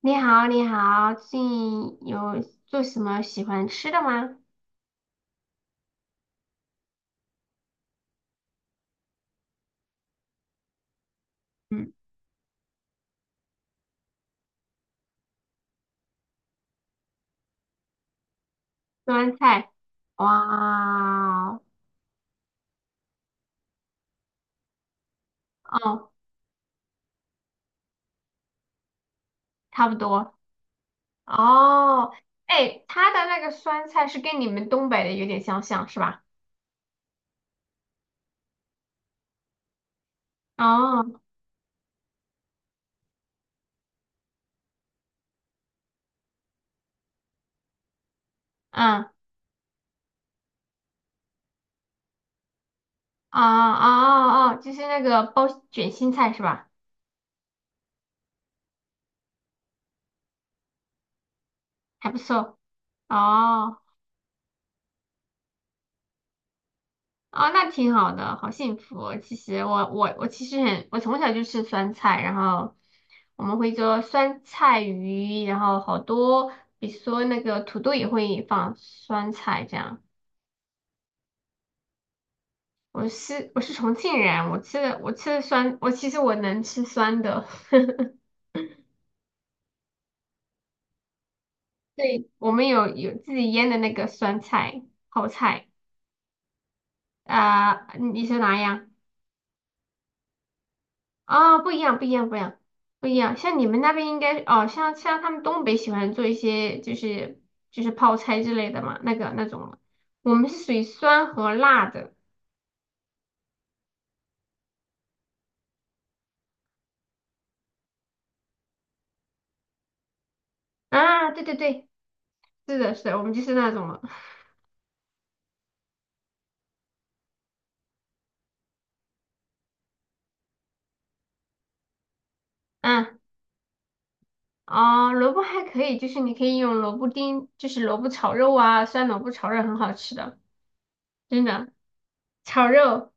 你好，你好，最近有做什么喜欢吃的吗？嗯，酸菜，哇，哦，差不多，哦，哎，它的那个酸菜是跟你们东北的有点相像，是吧？哦，嗯，哦哦哦，就是那个包卷心菜是吧？还不错，哦。啊，那挺好的，好幸福哦，其实我其实很，我从小就吃酸菜，然后我们会做酸菜鱼，然后好多，比如说那个土豆也会放酸菜这样。我是重庆人，我吃的酸，我其实能吃酸的。对，我们有自己腌的那个酸菜泡菜，啊、你你说哪样？啊，不一样，不一样，不一样，不一样。像你们那边应该哦，像他们东北喜欢做一些，就是泡菜之类的嘛，那个那种了，我们是属于酸和辣的。啊，对对对，是的，是的，我们就是那种了。嗯，哦，萝卜还可以，就是你可以用萝卜丁，就是萝卜炒肉啊，酸萝卜炒肉很好吃的，真的，炒肉。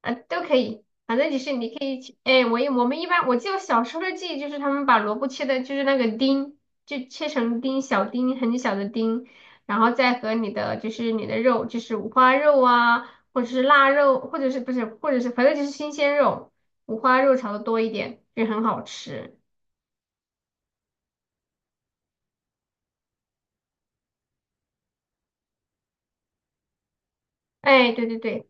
啊，都可以，反正就是你可以去，哎，我们一般，我记得我小时候的记忆就是他们把萝卜切的，就是那个丁，就切成丁，小丁，很小的丁，然后再和你的，就是你的肉，就是五花肉啊，或者是腊肉，或者是不是，或者是反正就是新鲜肉，五花肉炒的多一点，就很好吃。哎，对对对，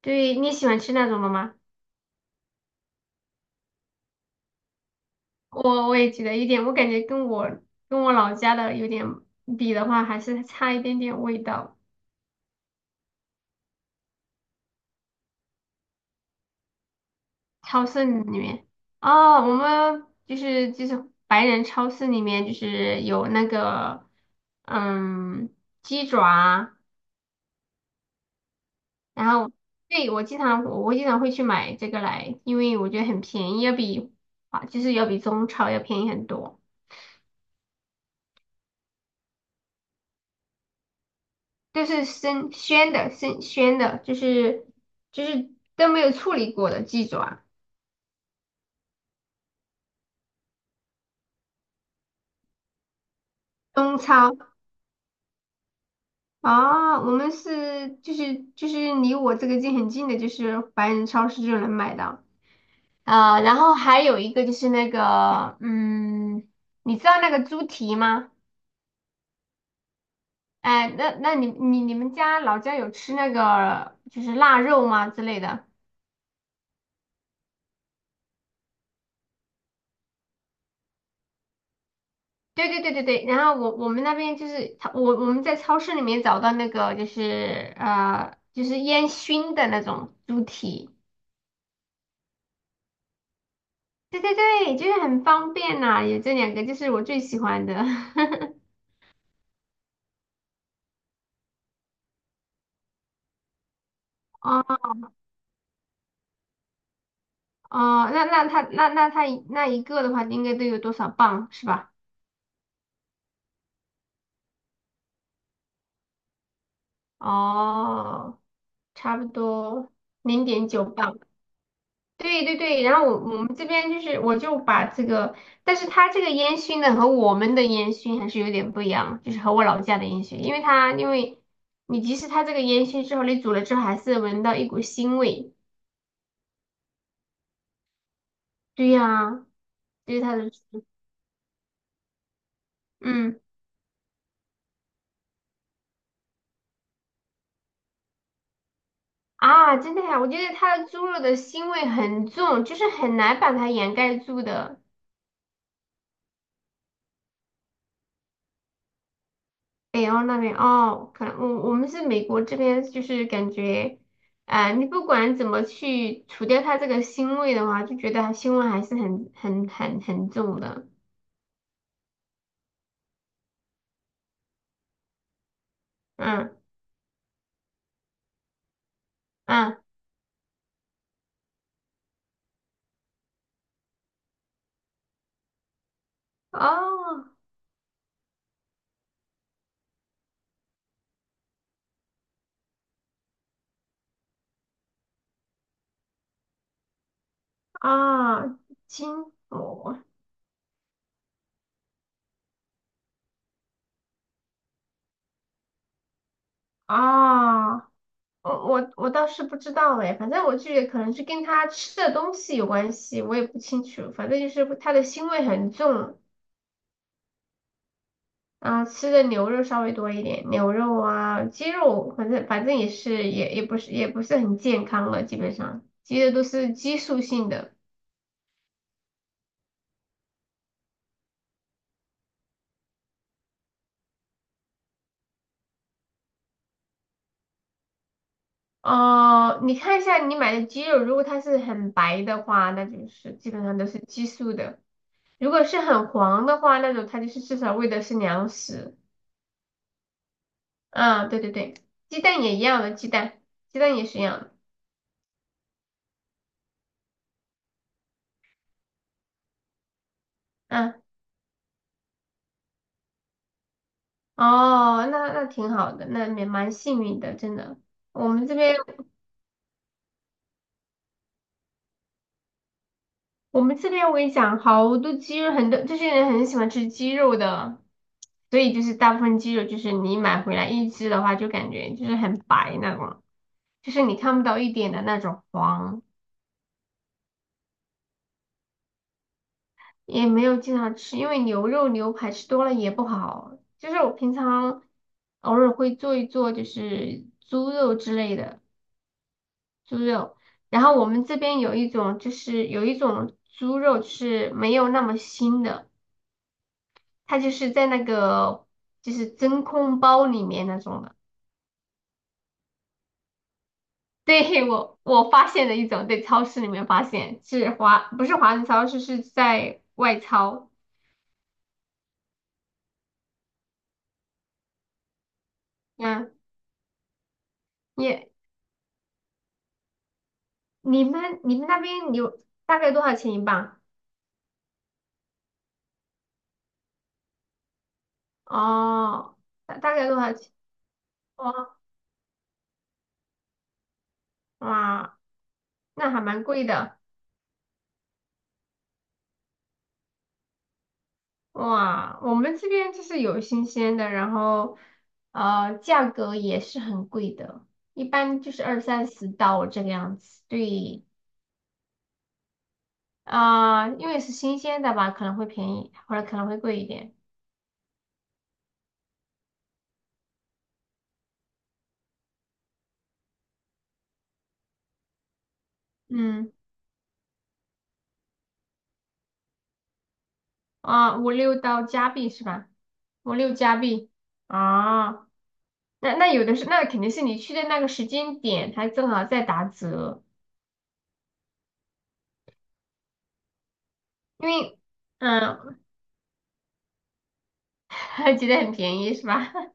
对，你喜欢吃那种的吗？我也觉得有点，我感觉跟我老家的有点比的话，还是差一点点味道。超市里面哦，我们就是，白人超市里面就是有那个嗯鸡爪啊，然后对，我经常会去买这个来，因为我觉得很便宜，啊，就是要比中超要便宜很多，都是生鲜的，就是都没有处理过的鸡爪，中超。啊，我们是，就是离我这个近很近的，就是白人超市就能买到。啊、然后还有一个就是那个，嗯，你知道那个猪蹄吗？哎，那那你你们家老家有吃那个就是腊肉吗之类的？对对对对对。然后我们那边，就是超我我们在超市里面找到那个就是就是烟熏的那种猪蹄，对对对，就是很方便呐、有这两个就是我最喜欢的。哦哦，那他那一个的话应该都有多少磅是吧？哦，差不多0.9磅。对对对，然后我们这边就是，我就把这个，但是它这个烟熏呢和我们的烟熏还是有点不一样，就是和我老家的烟熏，因为你即使它这个烟熏之后，你煮了之后还是闻到一股腥味。对呀、就是它的，嗯啊，真的呀、我觉得它的猪肉的腥味很重，就是很难把它掩盖住的。北欧那边哦，可能我们是美国这边，就是感觉，呃，你不管怎么去除掉它这个腥味的话，就觉得它腥味还是很很重的。嗯嗯，哦啊，金箔啊，我倒是不知道哎，反正我就觉得可能是跟它吃的东西有关系，我也不清楚，反正就是它的腥味很重。啊，吃的牛肉稍微多一点，牛肉啊，鸡肉，反正也是，也不是很健康了，基本上鸡的都是激素性的。哦、你看一下你买的鸡肉，如果它是很白的话，那就是基本上都是激素的；如果是很黄的话，那种它就是至少喂的是粮食。啊，对对对，鸡蛋也一样的，鸡蛋也是一样的。嗯，哦，那那挺好的，那也蛮幸运的，真的。我们这边。我们这边我跟你讲，好多鸡肉，很多这些人很喜欢吃鸡肉的，所以就是大部分鸡肉就是你买回来一只的话，就感觉就是很白那种，就是你看不到一点的那种黄，也没有经常吃，因为牛肉牛排吃多了也不好。就是我平常偶尔会做一做，就是猪肉之类的猪肉，然后我们这边有一种，猪肉是没有那么腥的。它就是在那个就是真空包里面那种的。对，我我发现了一种，在超市里面发现，不是华人超市，是在外超。嗯，你你们那边有大概多少钱一磅？哦，大概多少钱？哇哇，那还蛮贵的哇。我们这边就是有新鲜的，然后呃价格也是很贵的，一般就是20到30刀这个样子。对。啊、因为是新鲜的吧，可能会便宜，或者可能会贵一点。嗯，啊、五六到加币是吧？五六加币啊，那那有的是，那肯定是你去的那个时间点，它正好在打折，因为嗯，还觉得很便宜是吧？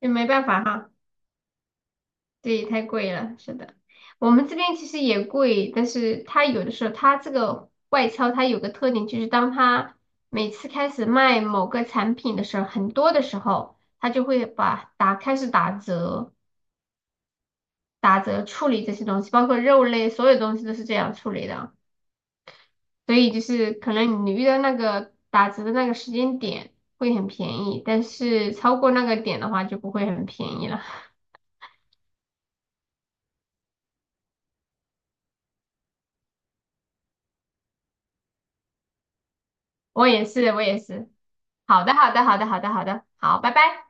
也没办法哈。对，太贵了，是的，我们这边其实也贵，但是它有的时候它这个外销它有个特点，就是当它每次开始卖某个产品的时候，很多的时候，它就会把打开始打折，打折处理这些东西，包括肉类，所有东西都是这样处理的，所以就是可能你遇到那个打折的那个时间点会很便宜，但是超过那个点的话就不会很便宜了。我也是，我也是。好的，好的，好的，好的，好的，好，拜拜。